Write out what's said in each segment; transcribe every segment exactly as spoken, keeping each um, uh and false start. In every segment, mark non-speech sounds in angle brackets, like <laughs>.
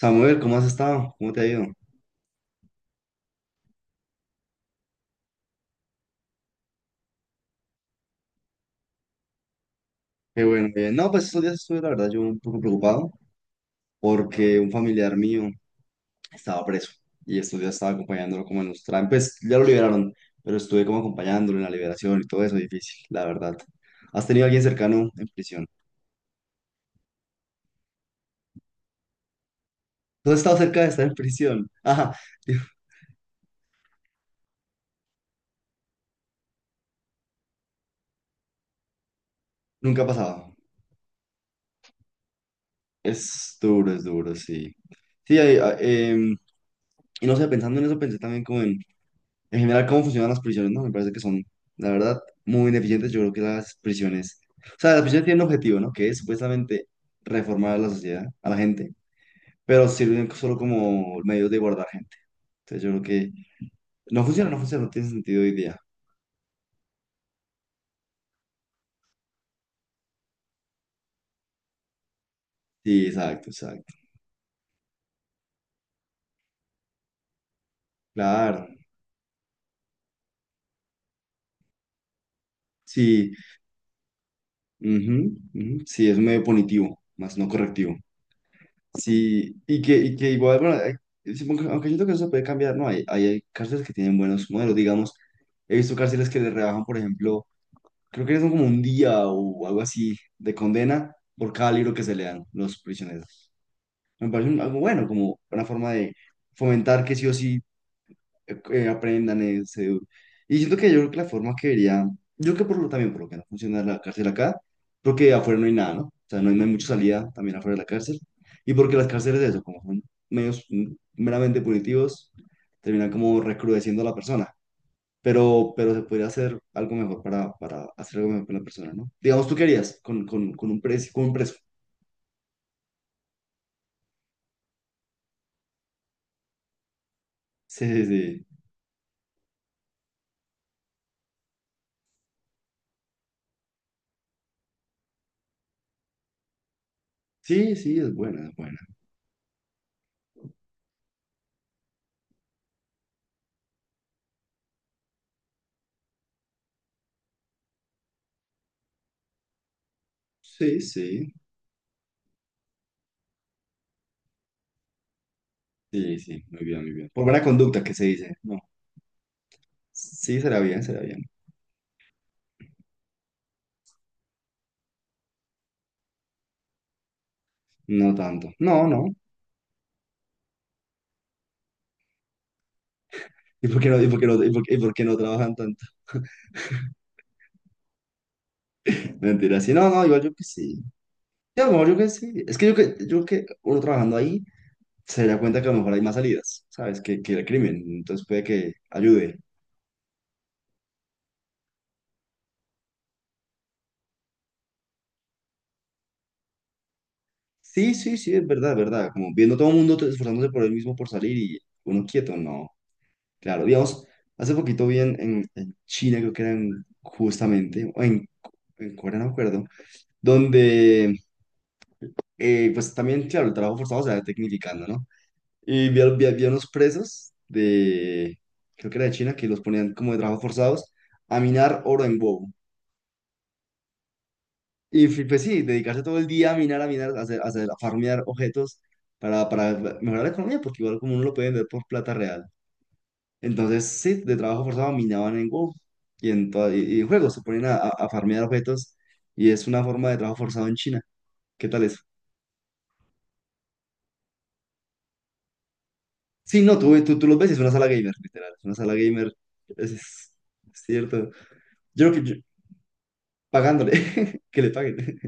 Samuel, ¿cómo has estado? ¿Cómo te ha ido? Qué bueno, bien. No, pues estos días estuve, la verdad, yo un poco preocupado porque un familiar mío estaba preso y estos días estaba acompañándolo como en los trámites. Pues ya lo liberaron, pero estuve como acompañándolo en la liberación y todo eso, difícil, la verdad. ¿Has tenido a alguien cercano en prisión? ¿Tú has estado cerca de estar en prisión? <laughs> Ajá, digo, nunca ha pasado. Es duro, es duro, sí. Sí, hay- a- em, y no sé, pensando en eso, pensé también como en en general cómo funcionan las prisiones, ¿no? Me parece que son, la verdad, muy ineficientes. Yo creo que las prisiones, o sea, las prisiones tienen un objetivo, ¿no? Que es supuestamente reformar a la sociedad, a la gente, pero sirven solo como medios de guardar gente. Entonces yo creo que no funciona, no funciona, no tiene sentido hoy día. Sí, exacto, exacto. Claro, sí, ujú, ujú, sí, es un medio punitivo, más no correctivo. Sí, y que, y que igual, bueno, eh, supongo- aunque siento que eso se puede cambiar, ¿no? Hay, hay, hay cárceles que tienen buenos modelos, digamos. He visto cárceles que le rebajan, por ejemplo, creo que son como un día o algo así de condena por cada libro que se lean los prisioneros. Me parece un- algo bueno, como una forma de fomentar que sí o sí eh, aprendan eso. Y siento que yo creo que la forma que vería, yo creo que por lo también, por lo que no funciona la cárcel acá, porque afuera no hay nada, ¿no? O sea, no hay, no hay mucha salida también afuera de la cárcel. Y porque las cárceles, de eso, como son medios mm, meramente punitivos, terminan como recrudeciendo a la persona. Pero, pero se podría hacer algo mejor para, para hacer algo mejor con la persona, ¿no? Digamos, ¿tú querías con, con, con un preso, con un preso? <laughs> Sí, sí, sí. Sí, sí, es buena, es buena. Sí, sí. Sí, sí, muy bien, muy bien. Por buena conducta que se dice, ¿no? Sí, será bien, será bien. No tanto. No, no. ¿Y por qué no, y por qué no, y por, qué y por qué no trabajan tanto? <laughs> Mentira, sí, no, no, igual yo que sí. Yo, a lo mejor yo que sí. Es que yo que, yo que uno trabajando ahí se da cuenta que a lo mejor hay más salidas, ¿sabes? Que, que el crimen. Entonces puede que ayude. Sí, sí, sí, es verdad, es verdad. Como viendo todo el mundo t- esforzándose por él mismo por salir y uno quieto, no. Claro, digamos, hace poquito vi en, en, en China, creo que era en- justamente, o en, en Corea, no me acuerdo, donde eh, pues también, claro, el trabajo forzado se va tecnificando, ¿no? Y vi, vi, vi a unos presos de, creo que era de China, que los ponían como de trabajo forzados a minar oro en huevo. Y fi- pues sí, dedicarse todo el día a minar, a minar, a hacer, a hacer- a farmear objetos para, para mejorar la economía, porque igual como uno lo puede vender por plata real. Entonces, sí, de trabajo forzado minaban en WoW y en, toda- y, y en juegos se ponen a, a a farmear objetos y es una forma de trabajo forzado en China. ¿Qué tal eso? Sí, no, tú, tú, tú los ves, y es una sala gamer, literal. Es una sala gamer, es, es- cierto. Yo creo que yo- Pagándole, <laughs> que le paguen.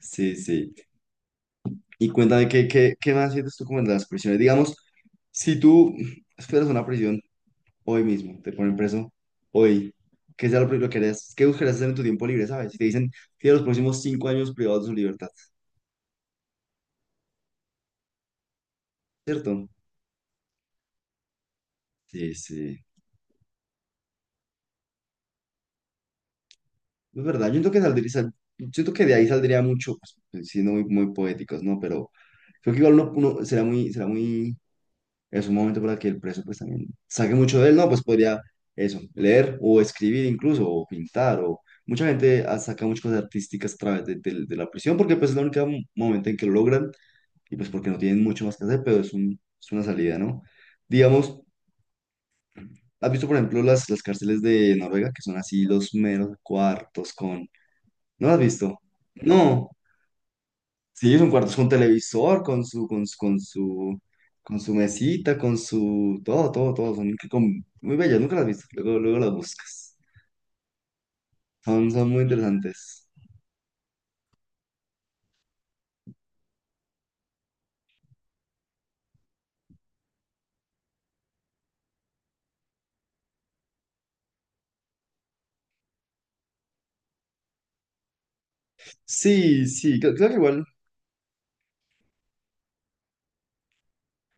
Sí, sí. Y cuéntame, ¿qué, qué, qué más sientes tú como en las prisiones? Digamos, si tú esperas una prisión hoy mismo, te ponen preso hoy, ¿qué sea lo primero que harías? ¿Qué buscarías hacer en tu tiempo libre, sabes? Si te dicen, tienes los próximos cinco años privados de su libertad, ¿cierto? Sí, sí. Es verdad, yo siento que saldría, sal- siento que de ahí saldría mucho, pues, siendo muy, muy poéticos, ¿no? Pero creo que igual uno, uno será muy, será muy, es un momento para que el preso pues también saque mucho de él, ¿no? Pues podría eso, leer o escribir incluso, o pintar, o mucha gente ah, saca muchas cosas artísticas a través de, de- de la prisión, porque pues es el único momento en que lo logran, y pues porque no tienen mucho más que hacer, pero es un, es una salida, ¿no? Digamos, ¿has visto por ejemplo las, las, cárceles de Noruega, que son así los meros cuartos? ¿No la has visto? No. Sí, es un cuarto, es un televisor con su, con su, con su, con su mesita, con su, todo, todo, todo. Son incre- con- muy bellas, nunca las has visto. Luego, luego las buscas. Son, son muy interesantes. Sí, sí, creo, creo que igual.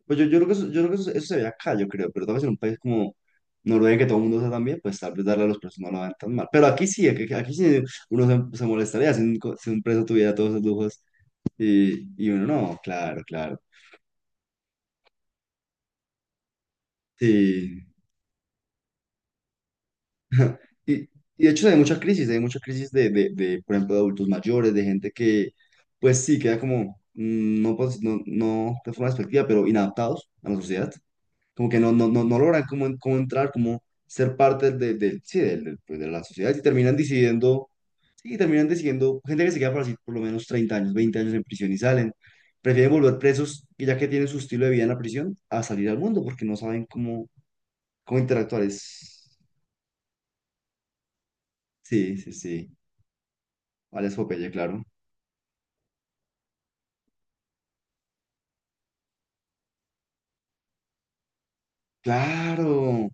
Pues yo, yo creo que, eso, yo creo que eso, eso se ve acá, yo creo, pero tal vez en un país como Noruega, que todo el mundo usa también, pues tal vez darle a los presos no lo vean tan mal. Pero aquí sí, aquí, aquí sí uno se, se molestaría si un, co- si un preso tuviera todos esos lujos y, y uno no, claro, claro. Sí. Y, y de hecho hay mucha crisis, hay mucha crisis de, de, de, por ejemplo, de adultos mayores, de gente que, pues sí, queda como, mm, no, pues, no, no de forma despectiva, pero inadaptados a la sociedad, como que no, no, no, no logran cómo, en- cómo entrar, cómo ser parte del, del, sí, del, del- pues, de la sociedad y terminan decidiendo, sí, terminan decidiendo, gente que se queda por así por lo menos treinta años, veinte años en prisión y salen, prefieren volver presos, y ya que tienen su estilo de vida en la prisión, a salir al mundo porque no saben cómo, cómo interactuar. Es, sí, sí, sí, vale, es epopeya, claro. Claro,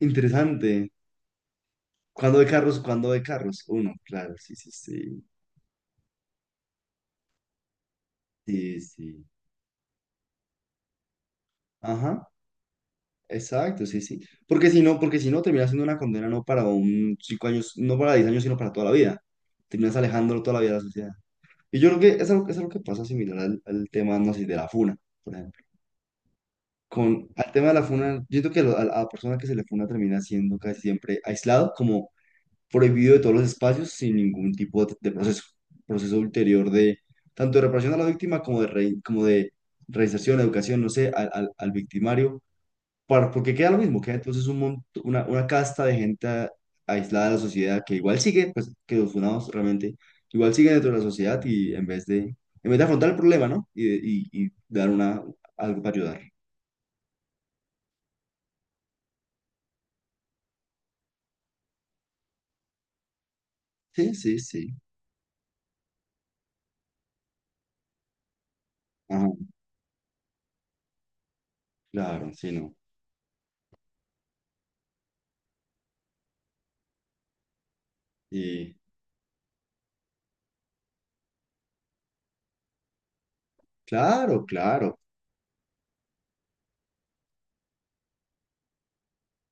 interesante. ¿Cuándo de carros? ¿Cuándo de carros? Uno, claro, sí, sí, sí. Sí, sí. Ajá, exacto, sí, sí. Porque si no, porque si no, terminas siendo una condena no para un cinco años, no para diez años, sino para toda la vida. Terminas alejándolo toda la vida de la sociedad. Y yo creo que es algo, es algo que pasa similar al, al tema, no sé, de la funa, por ejemplo. Con, al tema de la funa, yo creo que lo- a la a la persona que se le funa termina siendo casi siempre aislado, como prohibido de todos los espacios sin ningún tipo de, de proceso, proceso ulterior de tanto de reparación a la víctima como de, re- como de reinserción, educación, no sé, al, al- al victimario, para, porque queda lo mismo, queda entonces un mont- una, una casta de gente a- aislada de la sociedad que igual sigue, pues que los funados realmente igual siguen dentro de la sociedad y en vez de, en vez de afrontar el problema, ¿no? Y, y, y dar una, algo para ayudar. Sí, sí, sí. Ajá, claro, sí, no. Y claro, claro.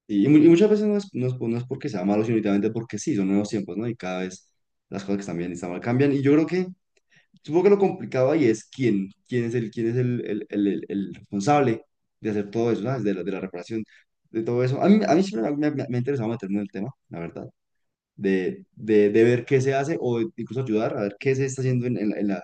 Y, y mu- y muchas veces no es, no es, no es porque sea malo, sino únicamente porque sí, son nuevos tiempos, ¿no? Y cada vez las cosas que están bien y están mal cambian. Y yo creo que, supongo que lo complicado ahí es quién, quién es el, quién es el, el, el, el- el responsable de hacer todo eso, ¿sabes? De la, de la reparación, de todo eso. A mí, a mí siempre me, me, me ha interesado meterme en el tema, la verdad, de, de, de ver qué se hace o incluso ayudar a ver qué se está haciendo en en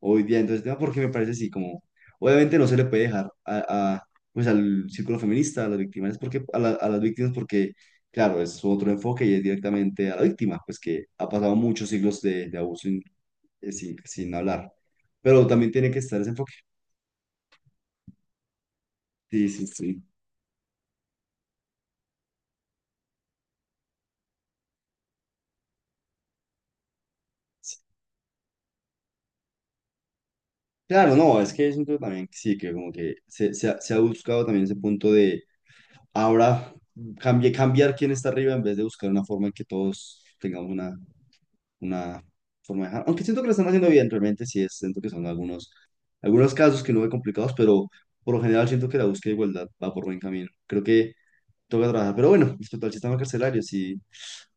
hoy día en todo este tema, porque me parece así como, obviamente no se le puede dejar a, a, pues al círculo feminista, a las víctimas, porque, a, la- a las víctimas, porque, claro, es otro enfoque y es directamente a la víctima, pues que ha pasado muchos siglos de, de abuso sin, eh, sin, sin hablar, pero también tiene que estar ese enfoque. Sí, sí, sí. Claro, no, es que es un tema también, que sí, que como que se, se ha, se ha buscado también ese punto de ahora cambie- cambiar quién está arriba en vez de buscar una forma en que todos tengamos una una forma de dejar. Aunque siento que lo están haciendo bien, realmente sí es, siento que son algunos, algunos casos que no ve complicados, pero por lo general siento que la búsqueda de igualdad va por buen camino. Creo que toca trabajar. Pero bueno, respecto al sistema carcelario, sí,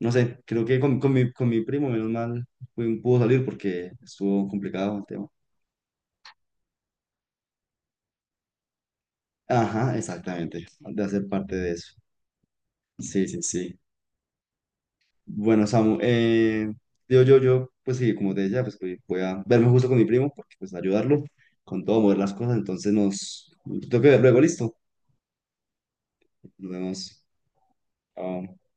no sé, creo que con, con mi, con mi primo, menos mal, pu- pudo salir porque estuvo complicado el tema. Ajá, exactamente, de hacer parte de eso. Sí, sí, sí. Bueno, Samu, eh, digo yo, yo, pues sí, como te decía, pues voy voy a verme justo con mi primo, porque pues ayudarlo con todo, mover las cosas, entonces nos, tengo que ver luego, listo, nos vemos. Chao.